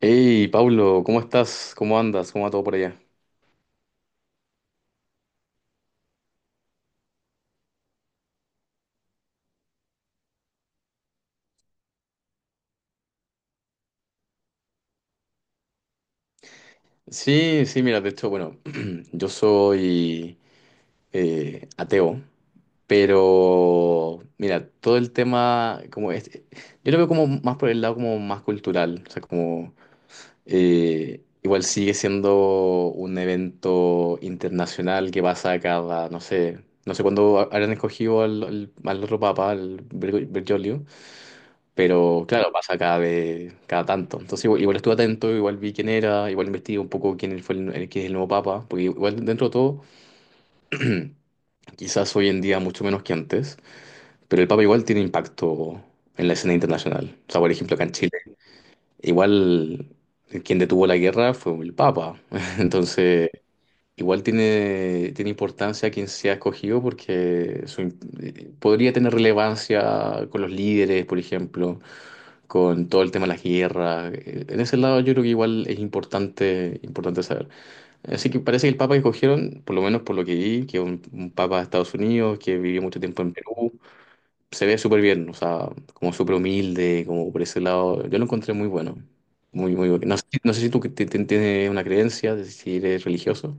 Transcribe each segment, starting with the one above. Hey, Pablo, ¿cómo estás? ¿Cómo andas? ¿Cómo va todo por allá? Sí, sí, mira, de hecho, bueno, yo soy ateo, pero mira, todo el tema, como este, yo lo veo como más por el lado como más cultural, o sea, como igual sigue siendo un evento internacional que pasa cada, no sé, no sé cuándo habrán escogido al otro papa, al Bergoglio. Pero claro, pasa cada vez, cada tanto. Entonces igual, igual estuve atento, igual vi quién era, igual investigué un poco quién fue quién es el nuevo papa, porque igual dentro de todo, quizás hoy en día mucho menos que antes, pero el papa igual tiene impacto en la escena internacional. O sea, por ejemplo, acá en Chile, igual quien detuvo la guerra fue el papa. Entonces, igual tiene, tiene importancia quien sea escogido porque podría tener relevancia con los líderes, por ejemplo, con todo el tema de la guerra, en ese lado yo creo que igual es importante, importante saber. Así que parece que el papa que escogieron, por lo menos por lo que vi, que es un papa de Estados Unidos, que vivió mucho tiempo en Perú, se ve súper bien, o sea, como súper humilde, como por ese lado, yo lo encontré muy bueno. Muy, muy bueno. No sé, no sé si tú que tienes una creencia, de si eres religioso.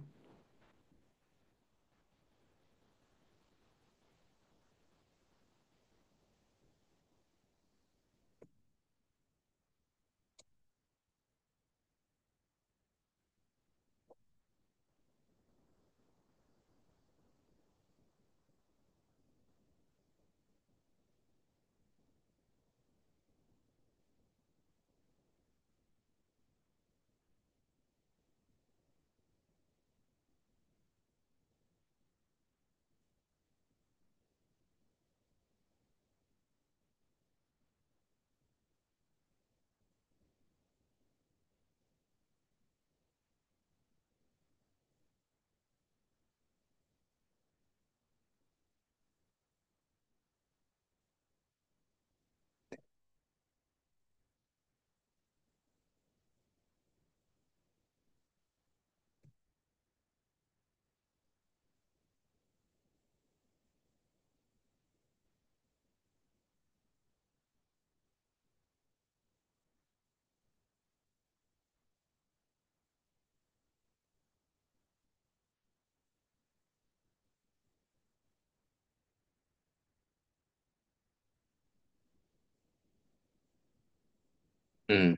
Mm.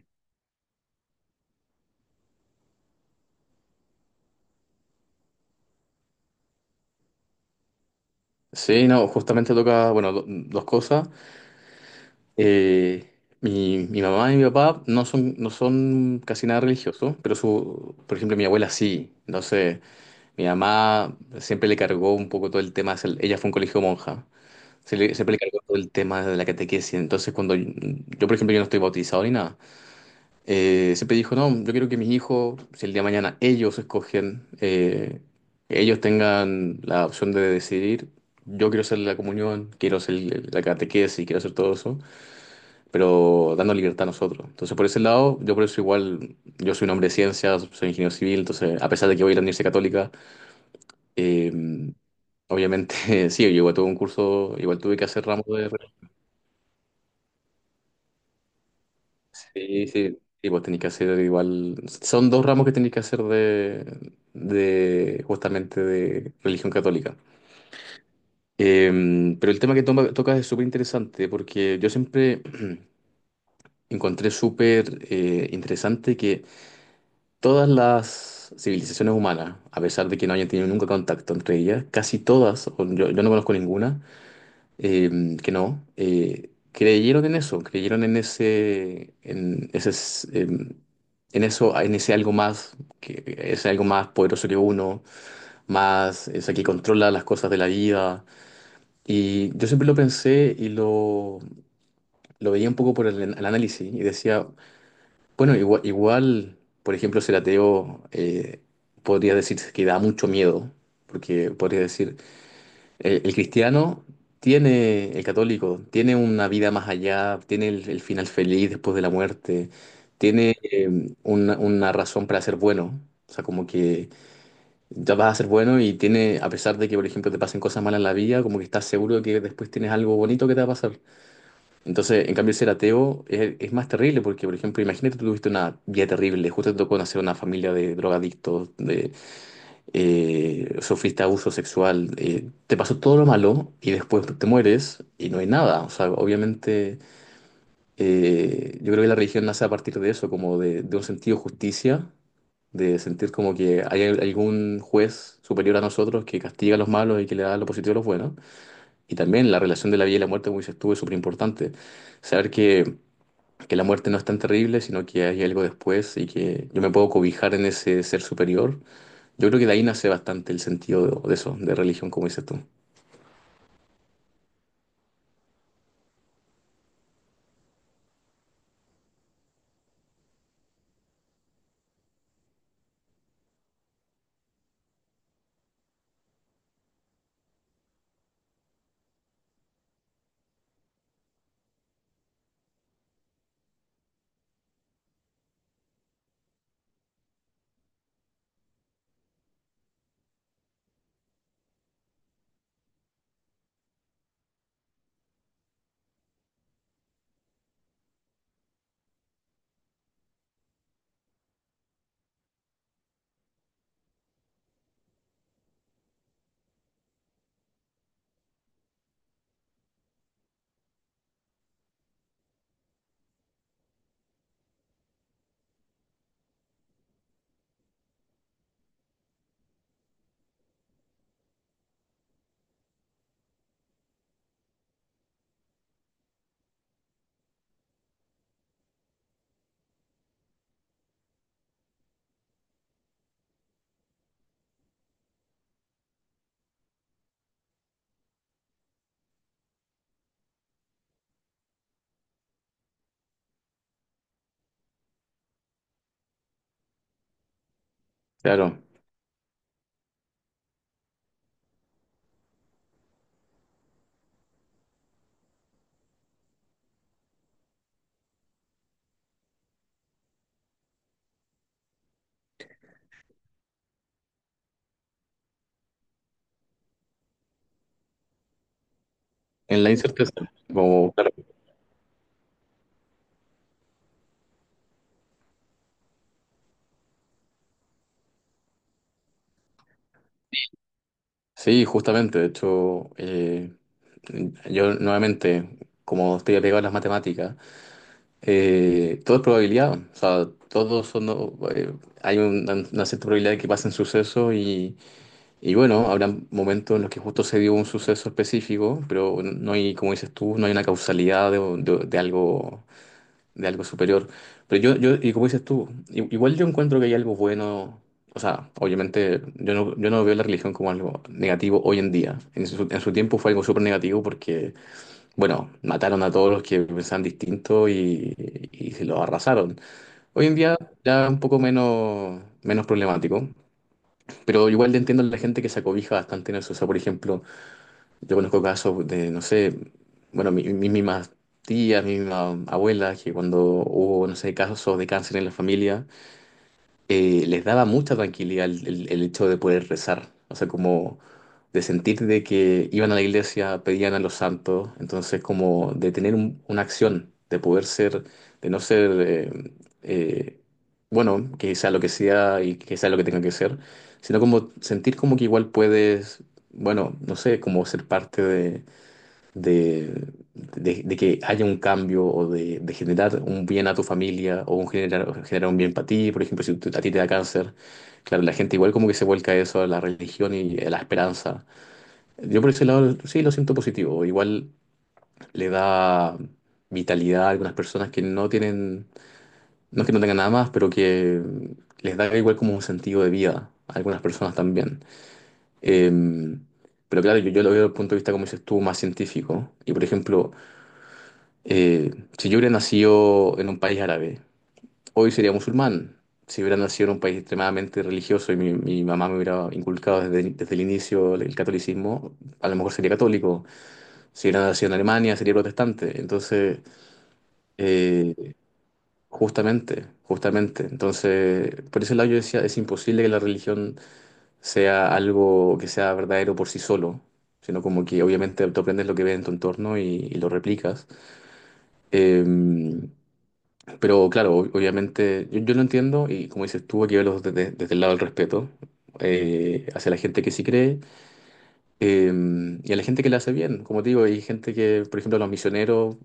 Sí, no, justamente toca, bueno, dos cosas. Eh, mi, mi mamá y mi papá no son, no son casi nada religiosos, pero su, por ejemplo, mi abuela sí. Entonces, mi mamá siempre le cargó un poco todo el tema, ella fue a un colegio monja, siempre le cargó todo el tema de la catequesis. Entonces, cuando yo, por ejemplo, yo no estoy bautizado ni nada. Siempre dijo, no, yo quiero que mis hijos, si el día de mañana ellos escogen, ellos tengan la opción de decidir, yo quiero hacer la comunión, quiero hacer la catequesis, quiero hacer todo eso pero dando libertad a nosotros. Entonces, por ese lado, yo por eso igual, yo soy un hombre de ciencias, soy ingeniero civil, entonces, a pesar de que voy a ir a la Universidad Católica, eh, obviamente, sí, yo igual tuve un curso, igual tuve que hacer ramos de... Sí, sí, sí, vos tenés que hacer igual... Son dos ramos que tenés que hacer de justamente de religión católica. Pero el tema que tocas es súper interesante porque yo siempre encontré súper interesante que todas las civilizaciones humanas, a pesar de que no hayan tenido nunca contacto entre ellas, casi todas, o yo no conozco ninguna, que no, creyeron en eso, creyeron en ese, en ese, en eso, en ese algo más, que es algo más poderoso que uno, más, o sea, que controla las cosas de la vida. Y yo siempre lo pensé y lo veía un poco por el, el análisis y decía, bueno, igual, por ejemplo, ser ateo podría decir que da mucho miedo, porque podría decir, el cristiano tiene, el católico, tiene una vida más allá, tiene el final feliz después de la muerte, tiene una razón para ser bueno, o sea, como que ya vas a ser bueno y tiene, a pesar de que, por ejemplo, te pasen cosas malas en la vida, como que estás seguro de que después tienes algo bonito que te va a pasar. Entonces, en cambio, ser ateo es más terrible porque, por ejemplo, imagínate tú tuviste una vida terrible, justo te tocó nacer en una familia de drogadictos, de, sufriste abuso sexual, te pasó todo lo malo y después te mueres y no hay nada. O sea, obviamente, yo creo que la religión nace a partir de eso, como de un sentido de justicia, de sentir como que hay algún juez superior a nosotros que castiga a los malos y que le da lo positivo a los buenos. Y también la relación de la vida y la muerte, como dices tú, es súper importante. Saber que la muerte no es tan terrible, sino que hay algo después y que yo me puedo cobijar en ese ser superior. Yo creo que de ahí nace bastante el sentido de eso, de religión, como dices tú. Claro, en la incerteza. Como, claro. Sí, justamente, de hecho, yo nuevamente, como estoy apegado a las matemáticas, todo es probabilidad, o sea, todos son, eh, hay una cierta probabilidad de que pasen sucesos y... Y bueno, habrá momentos en los que justo se dio un suceso específico, pero no hay, como dices tú, no hay una causalidad de, de algo superior. Pero yo, y como dices tú, igual yo encuentro que hay algo bueno, o sea, obviamente yo no, yo no veo la religión como algo negativo hoy en día. En su tiempo fue algo súper negativo porque, bueno, mataron a todos los que pensaban distinto y se los arrasaron. Hoy en día ya un poco menos, menos problemático. Pero igual entiendo a la gente que se acobija bastante en eso. O sea, por ejemplo, yo conozco casos de, no sé, bueno, mis mismas tías, mi misma abuela, que cuando hubo, no sé, casos de cáncer en la familia, les daba mucha tranquilidad el, el hecho de poder rezar, o sea, como de sentir de que iban a la iglesia, pedían a los santos, entonces como de tener una acción, de poder ser, de no ser, eh, bueno, que sea lo que sea y que sea lo que tenga que ser, sino como sentir como que igual puedes, bueno, no sé, como ser parte de, de que haya un cambio o de generar un bien a tu familia o un generar, generar un bien para ti. Por ejemplo, si tú- a ti te da cáncer, claro, la gente igual como que se vuelca a eso, a la religión y a la esperanza. Yo por ese lado sí lo siento positivo. Igual le da vitalidad a algunas personas que no tienen, no es que no tengan nada más, pero que les da igual como un sentido de vida a algunas personas también. Em, pero claro, yo lo veo desde el punto de vista, como dices tú, más científico. Y por ejemplo, Eh, si yo hubiera nacido en un país árabe, hoy sería musulmán. Si hubiera nacido en un país extremadamente religioso y mi mamá me hubiera inculcado desde, desde el inicio el catolicismo, a lo mejor sería católico. Si hubiera nacido en Alemania, sería protestante. Entonces, eh, justamente, justamente. Entonces, por ese lado yo decía, es imposible que la religión sea algo que sea verdadero por sí solo, sino como que obviamente tú aprendes lo que ves en tu entorno y lo replicas. Eh, Pero claro, obviamente yo, yo lo entiendo y como dices tú, hay que verlo desde, desde el lado del respeto, hacia la gente que sí cree, eh, y a la gente que la hace bien. Como te digo, hay gente que, por ejemplo, los misioneros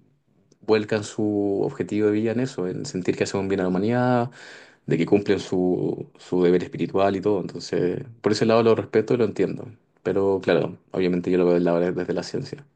vuelcan su objetivo de vida en eso, en sentir que hacen un bien a la humanidad, de que cumplen su, su deber espiritual y todo. Entonces, por ese lado lo respeto y lo entiendo. Pero claro, obviamente yo lo veo del lado desde la ciencia.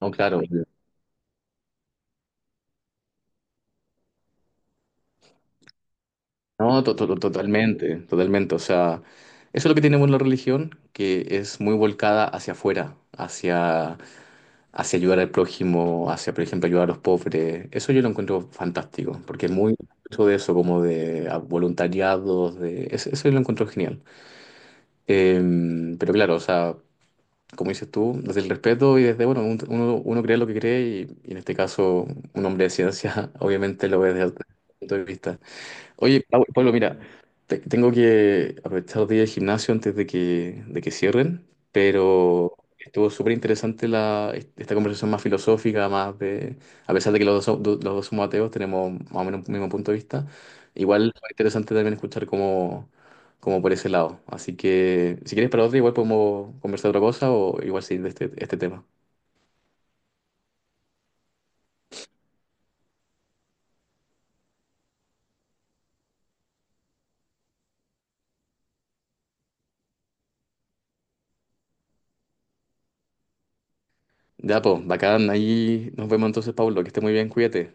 No, claro. No, totalmente, totalmente. O sea, eso es lo que tiene bueno la religión, que es muy volcada hacia afuera, hacia, hacia ayudar al prójimo, hacia, por ejemplo, ayudar a los pobres. Eso yo lo encuentro fantástico, porque es muy mucho de eso, como de ah, voluntariados, de eso yo lo encuentro genial. Eh, pero claro, o sea, como dices tú, desde el respeto y desde, bueno, uno, uno cree lo que cree y en este caso un hombre de ciencia obviamente lo ve desde otro punto de vista. Oye, Pablo, mira, tengo que aprovechar los días de gimnasio antes de que cierren, pero estuvo súper interesante la, esta conversación más filosófica, más de, a pesar de que los dos, los dos somos ateos, tenemos más o menos un mismo punto de vista. Igual fue interesante también escuchar como, como por ese lado. Así que, si quieres para otro, igual podemos conversar otra cosa o igual seguir de este, este tema. Ya, pues, bacán, ahí nos vemos entonces, Pablo, que esté muy bien, cuídate.